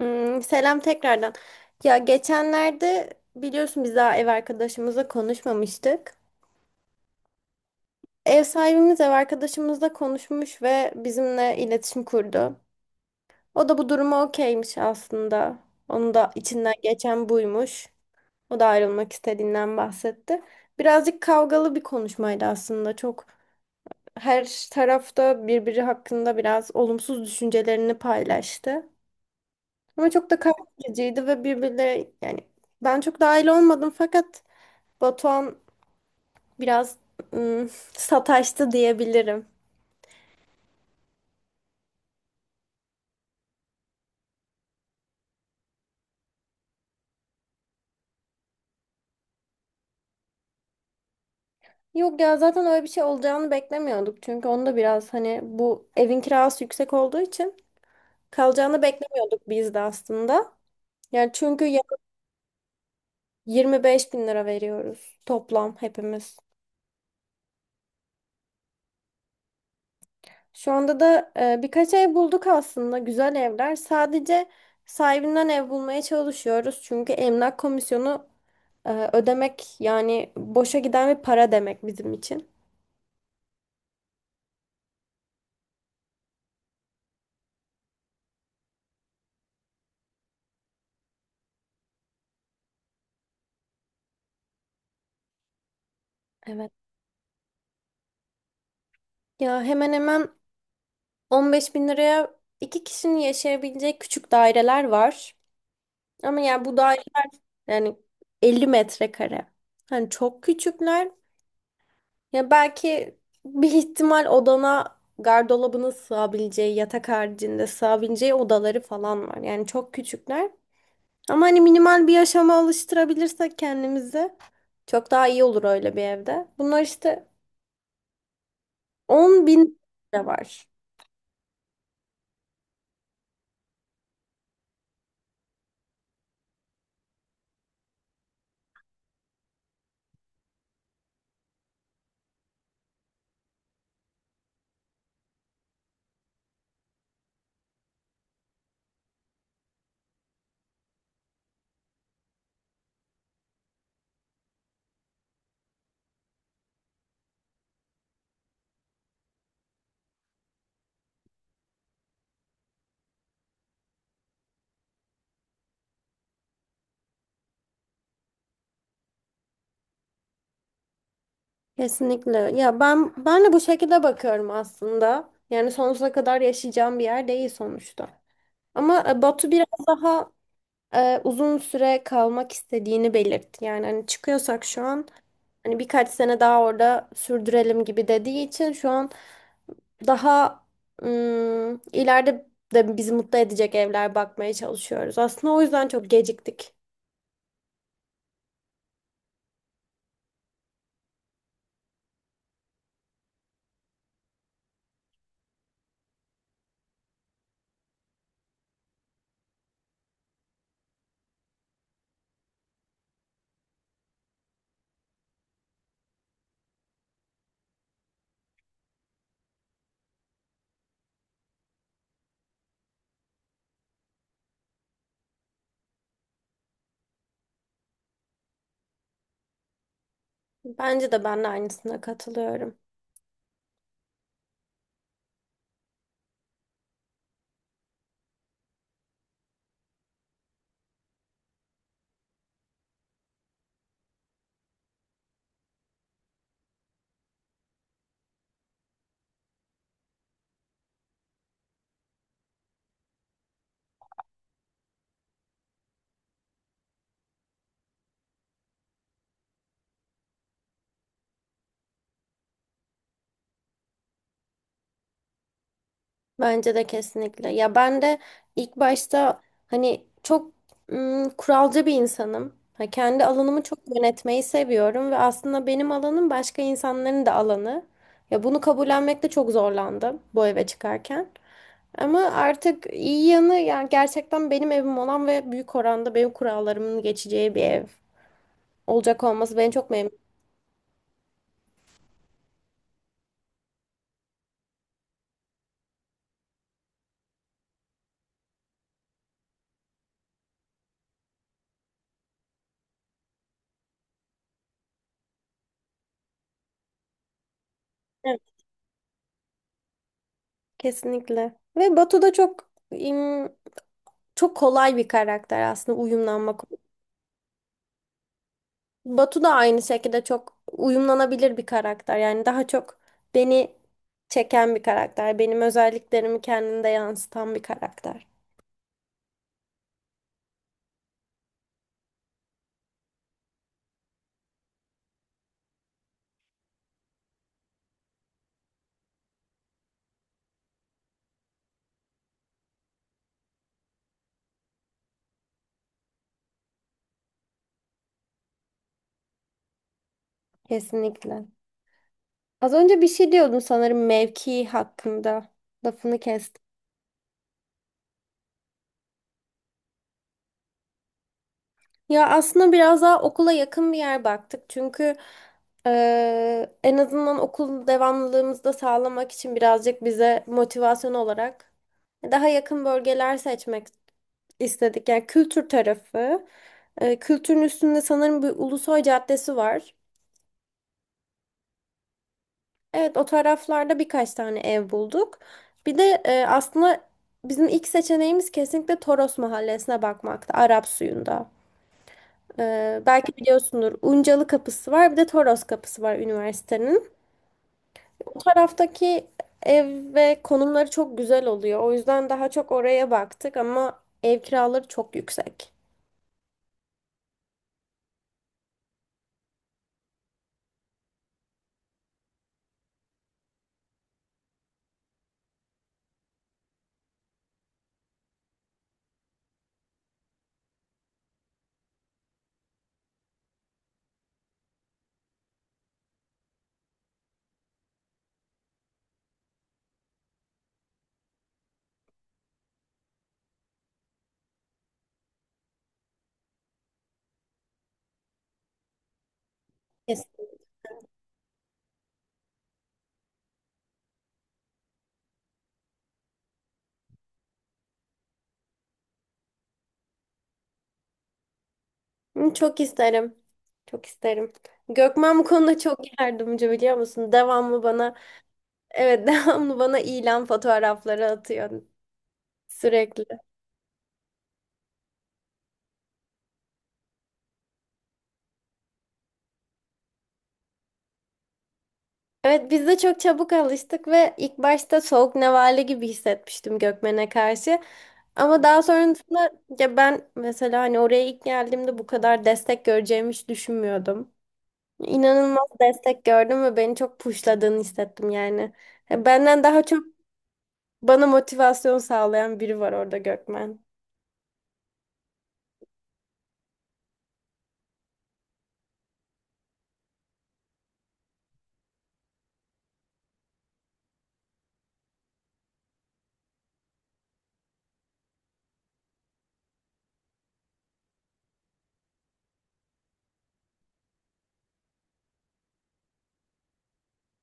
Hmm, selam tekrardan. Ya geçenlerde biliyorsun biz daha ev arkadaşımızla konuşmamıştık. Ev sahibimiz ev arkadaşımızla konuşmuş ve bizimle iletişim kurdu. O da bu duruma okeymiş aslında. Onun da içinden geçen buymuş. O da ayrılmak istediğinden bahsetti. Birazcık kavgalı bir konuşmaydı aslında. Çok her tarafta birbiri hakkında biraz olumsuz düşüncelerini paylaştı. Ama çok da kavgacıydı ve birbirleri yani ben çok dahil olmadım fakat Batuhan biraz sataştı diyebilirim. Yok ya zaten öyle bir şey olacağını beklemiyorduk. Çünkü onu da biraz hani bu evin kirası yüksek olduğu için kalacağını beklemiyorduk biz de aslında. Yani çünkü 25 bin lira veriyoruz toplam hepimiz. Şu anda da birkaç ev bulduk aslında güzel evler. Sadece sahibinden ev bulmaya çalışıyoruz. Çünkü emlak komisyonu ödemek yani boşa giden bir para demek bizim için. Evet. Ya hemen hemen 15 bin liraya iki kişinin yaşayabileceği küçük daireler var. Ama yani bu daire yani 50 metrekare. Hani çok küçükler. Ya belki bir ihtimal odana gardırobunu sığabileceği, yatak haricinde sığabileceği odaları falan var. Yani çok küçükler. Ama hani minimal bir yaşama alıştırabilirsek kendimizi çok daha iyi olur öyle bir evde. Bunlar işte 10 bin lira var. Kesinlikle. Ya ben de bu şekilde bakıyorum aslında. Yani sonsuza kadar yaşayacağım bir yer değil sonuçta. Ama Batu biraz daha uzun süre kalmak istediğini belirtti. Yani hani çıkıyorsak şu an hani birkaç sene daha orada sürdürelim gibi dediği için şu an daha ileride de bizi mutlu edecek evler bakmaya çalışıyoruz. Aslında o yüzden çok geciktik. Bence de ben de aynısına katılıyorum. Bence de kesinlikle. Ya ben de ilk başta hani çok kuralcı bir insanım. Ha, kendi alanımı çok yönetmeyi seviyorum ve aslında benim alanım başka insanların da alanı. Ya bunu kabullenmekte çok zorlandım bu eve çıkarken. Ama artık iyi yanı yani gerçekten benim evim olan ve büyük oranda benim kurallarımın geçeceği bir ev olacak olması beni çok memnun. Evet, kesinlikle. Ve Batu da çok çok kolay bir karakter aslında uyumlanmak. Batu da aynı şekilde çok uyumlanabilir bir karakter. Yani daha çok beni çeken bir karakter. Benim özelliklerimi kendinde yansıtan bir karakter. Kesinlikle. Az önce bir şey diyordum sanırım mevki hakkında. Lafını kestim. Ya aslında biraz daha okula yakın bir yer baktık. Çünkü en azından okul devamlılığımızı da sağlamak için birazcık bize motivasyon olarak daha yakın bölgeler seçmek istedik. Yani kültür tarafı. Kültürün üstünde sanırım bir Ulusoy Caddesi var. Evet, o taraflarda birkaç tane ev bulduk. Bir de aslında bizim ilk seçeneğimiz kesinlikle Toros Mahallesi'ne bakmaktı. Arap suyunda. Belki biliyorsundur. Uncalı Kapısı var, bir de Toros Kapısı var üniversitenin. O taraftaki ev ve konumları çok güzel oluyor. O yüzden daha çok oraya baktık ama ev kiraları çok yüksek. Kesin. Çok isterim. Çok isterim. Gökmen bu konuda çok yardımcı, biliyor musun? Devamlı bana, evet devamlı bana ilan fotoğrafları atıyor sürekli. Evet, biz de çok çabuk alıştık ve ilk başta soğuk nevale gibi hissetmiştim Gökmen'e karşı. Ama daha sonrasında ya ben mesela hani oraya ilk geldiğimde bu kadar destek göreceğimi hiç düşünmüyordum. İnanılmaz destek gördüm ve beni çok pushladığını hissettim yani. Ya benden daha çok bana motivasyon sağlayan biri var orada, Gökmen.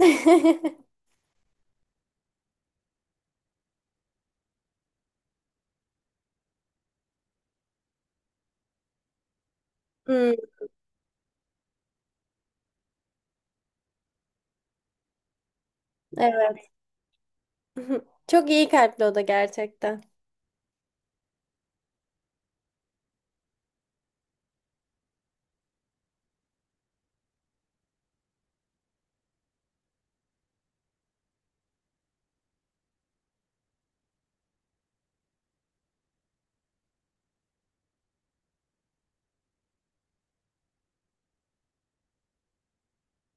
Hmm, evet. Çok iyi kalpli o da gerçekten.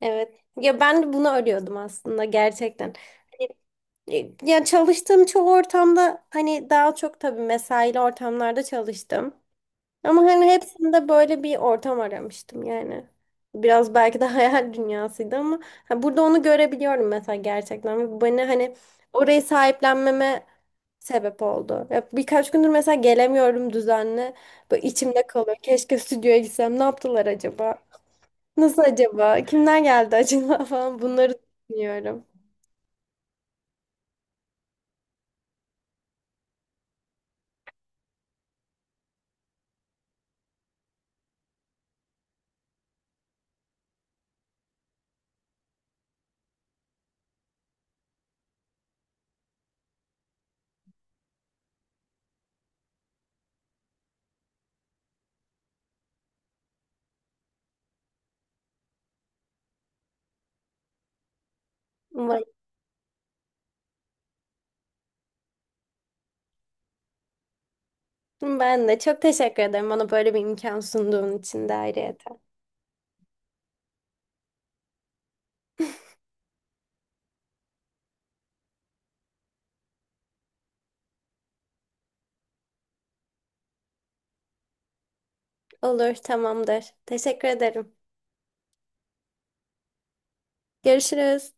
Evet. Ya ben de bunu arıyordum aslında gerçekten. Hani ya çalıştığım çoğu ortamda hani daha çok tabii mesaili ortamlarda çalıştım. Ama hani hepsinde böyle bir ortam aramıştım yani. Biraz belki de hayal dünyasıydı ama ha, burada onu görebiliyorum mesela gerçekten. Ve bu beni hani orayı sahiplenmeme sebep oldu. Ya birkaç gündür mesela gelemiyorum düzenli. Böyle içimde kalıyor. Keşke stüdyoya gitsem. Ne yaptılar acaba? Nasıl acaba? Kimler geldi acaba falan, bunları düşünüyorum. Umarım. Ben de çok teşekkür ederim bana böyle bir imkan sunduğun için de ayrıyeten. Olur, tamamdır. Teşekkür ederim. Görüşürüz.